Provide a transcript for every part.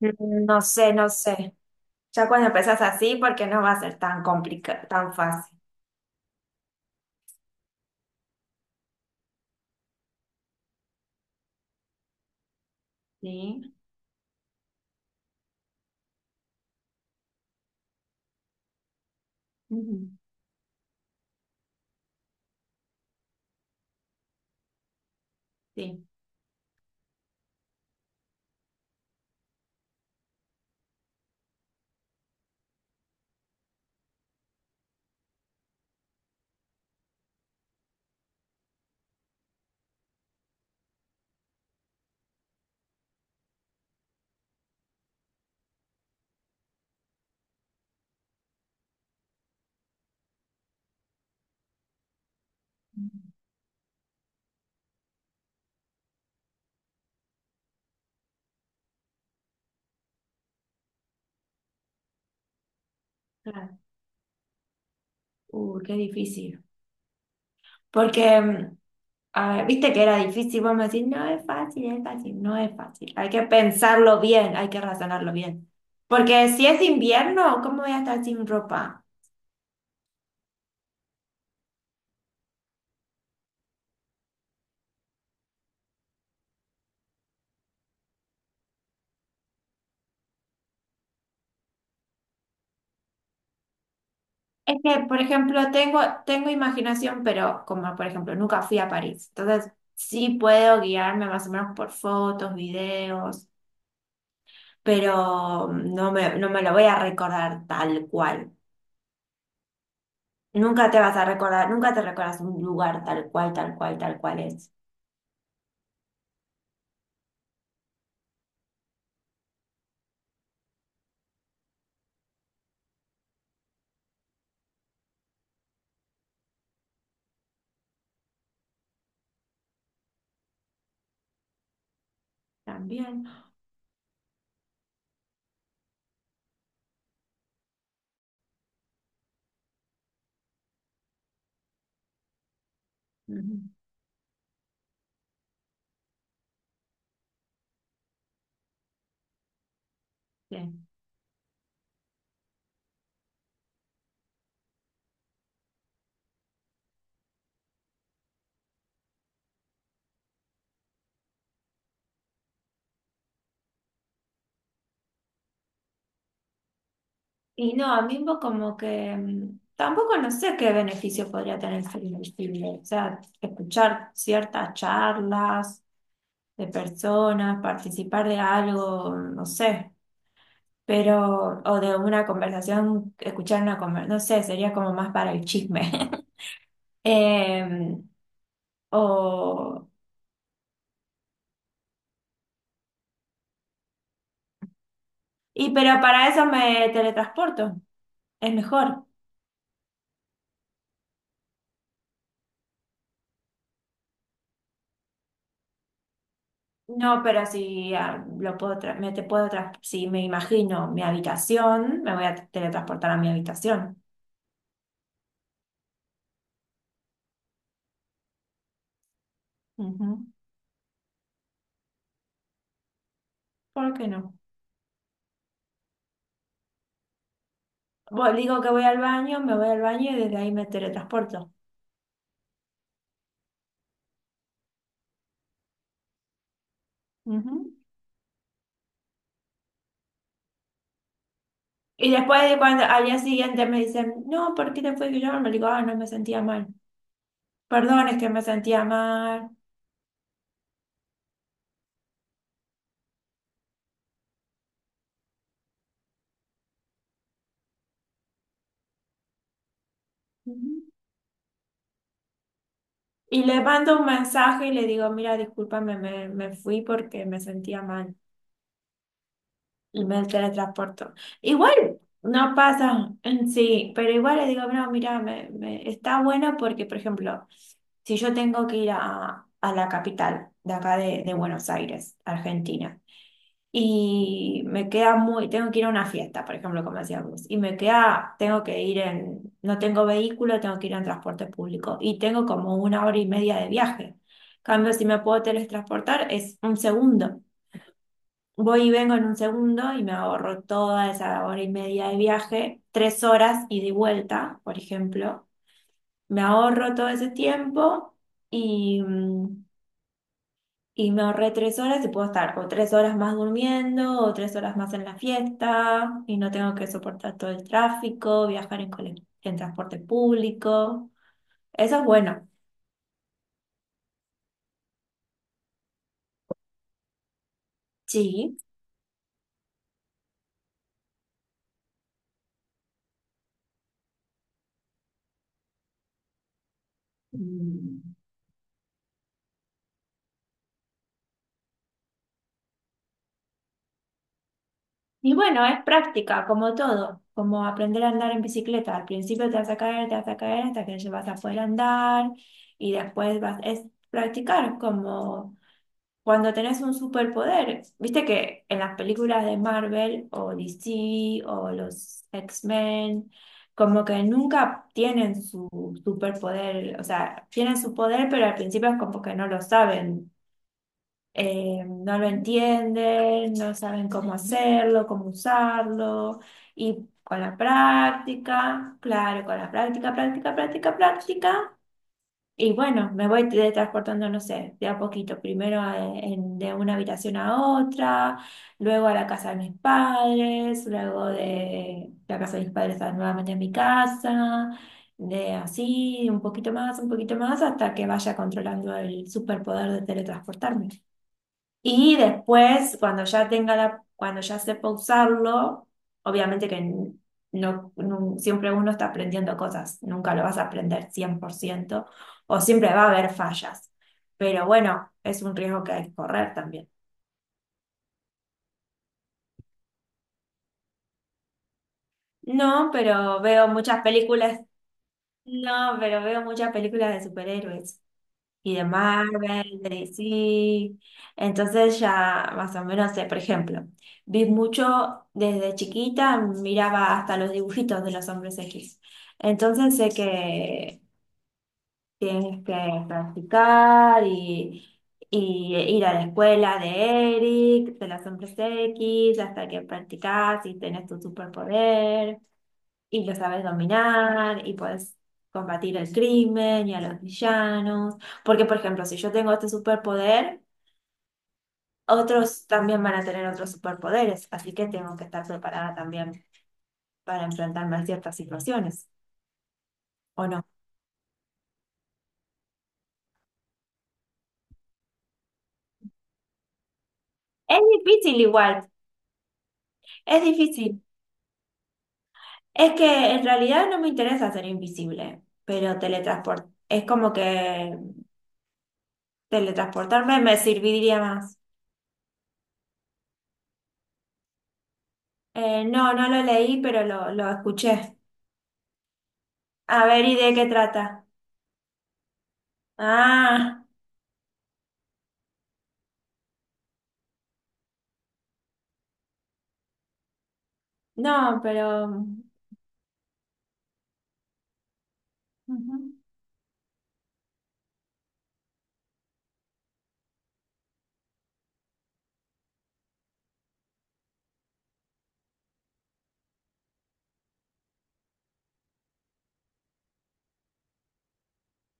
No sé, no sé. Ya cuando empezás así, porque no va a ser tan complicado, tan fácil, ¿sí? Ujú, sí, ujú, claro. Qué difícil. Porque, mm, a ver, viste que era difícil, vos me decís, no es fácil, es fácil, no es fácil. Hay que pensarlo bien, hay que razonarlo bien. Porque si es invierno, ¿cómo voy a estar sin ropa? Es que, por ejemplo, tengo imaginación, pero como, por ejemplo, nunca fui a París. Entonces, sí puedo guiarme más o menos por fotos, videos, pero no me lo voy a recordar tal cual. Nunca te vas a recordar, nunca te recuerdas un lugar tal cual, tal cual, tal cual es. También. Ujú. Bien. Y no, a mí un tampoco no sé qué beneficio podría tener el cine. O sea, escuchar ciertas charlas de personas, participar de algo, no sé. Pero, o de una conversación, escuchar una conversación, no sé, sería como más para el chisme. Eh, o, y pero para eso me teletransporto. Es mejor. No, pero si ah, lo puedo tra- me te puedo tras- Si me imagino mi habitación, me voy a teletransportar a mi habitación. Ujú. ¿Por qué no? Digo que voy al baño, me voy al baño y desde ahí me teletransporto. Ujú. Y después de cuando al día siguiente me dicen, no, ¿por qué te fue que yo? Me digo, ah, no me sentía mal. Perdón, es que me sentía mal. Ujú. Y le mando un mensaje y le digo, mira, discúlpame, me fui porque me sentía mal y me teletransporto. Igual no pasa en sí, pero igual le digo, no, mira, está bueno porque, por ejemplo, si yo tengo que ir a la capital de acá de Buenos Aires, Argentina y me queda muy, tengo que ir a una fiesta, por ejemplo, como decía vos, y me queda, tengo que ir en, no tengo vehículo, tengo que ir en transporte público y tengo como una hora y media de viaje. Cambio, si me puedo teletransportar, es un segundo. Voy y vengo en un segundo y me ahorro toda esa hora y media de viaje, tres horas ida y de vuelta, por ejemplo. Me ahorro todo ese tiempo y, mm, y me ahorré tres horas y puedo estar o tres horas más durmiendo o tres horas más en la fiesta y no tengo que soportar todo el tráfico, en transporte público. Eso es bueno. Sí. Mm. Y bueno, es práctica, como todo, como aprender a andar en bicicleta. Al principio te vas a caer, te vas a caer hasta que ya vas a poder andar y después vas, es practicar como... Cuando tenés un superpoder, viste que en las películas de Marvel o DC o los X-Men, como que nunca tienen su superpoder, o sea, tienen su poder, pero al principio es como que no lo saben, no lo entienden, no saben cómo hacerlo, cómo usarlo, y con la práctica, claro, con la práctica, práctica, práctica, práctica. Y bueno, me voy teletransportando no sé, de a poquito, primero de una habitación a otra, luego a la casa de mis padres, luego de la casa de mis padres nuevamente a mi casa, de así, un poquito más, hasta que vaya controlando el superpoder de teletransportarme. Y después, cuando ya tenga cuando ya sepa usarlo, obviamente no, siempre uno está aprendiendo cosas, nunca lo vas a aprender 100% o siempre va a haber fallas. Pero bueno, es un riesgo que hay que correr también. No, pero veo muchas películas, no, pero veo muchas películas de superhéroes. Y de Marvel, de DC. Entonces ya más o menos sé, por ejemplo, vi mucho desde chiquita, miraba hasta los dibujitos de los hombres X. Entonces sé que tienes que y ir a la escuela de Eric, de los hombres X, hasta que practicas y tenés tu superpoder y lo sabes dominar y puedes combatir el crimen y a los villanos. Porque, por ejemplo, si yo tengo este superpoder, otros también van a tener otros superpoderes, así que tengo que estar preparada también para enfrentarme a ciertas situaciones, ¿o no? Es difícil igual, es difícil. Es que en realidad no me interesa ser invisible, pero teletransport es como que teletransportarme me serviría más. No, no lo leí, pero lo escuché. A ver, ¿y de qué trata? Ah, no, pero... ujú,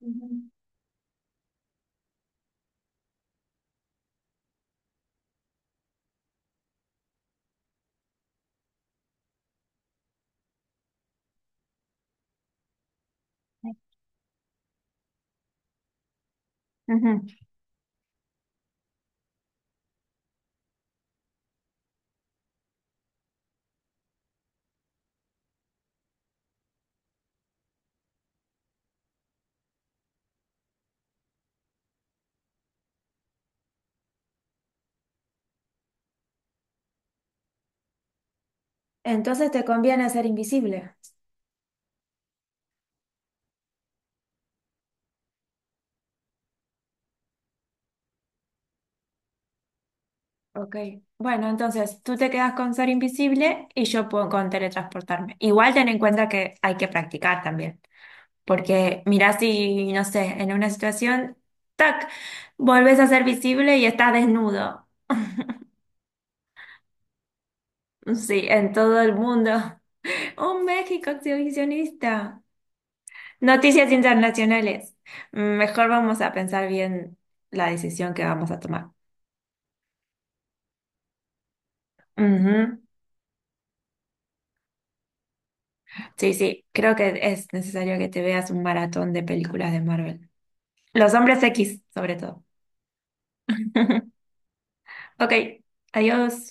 ujú. Ujú. Entonces te conviene ser invisible. Ok. Bueno, entonces tú te quedas con ser invisible y yo puedo con teletransportarme. Igual ten en cuenta que hay que practicar también, porque mirá si, no sé, en una situación, tac, volvés a ser visible y estás desnudo. Sí, en todo el mundo. Un México exhibicionista. Noticias internacionales. Mejor vamos a pensar bien la decisión que vamos a tomar. Ujú. Sí, sí, creo que es necesario que te veas un maratón de películas de Marvel. Los hombres X, sobre todo. Ok, adiós.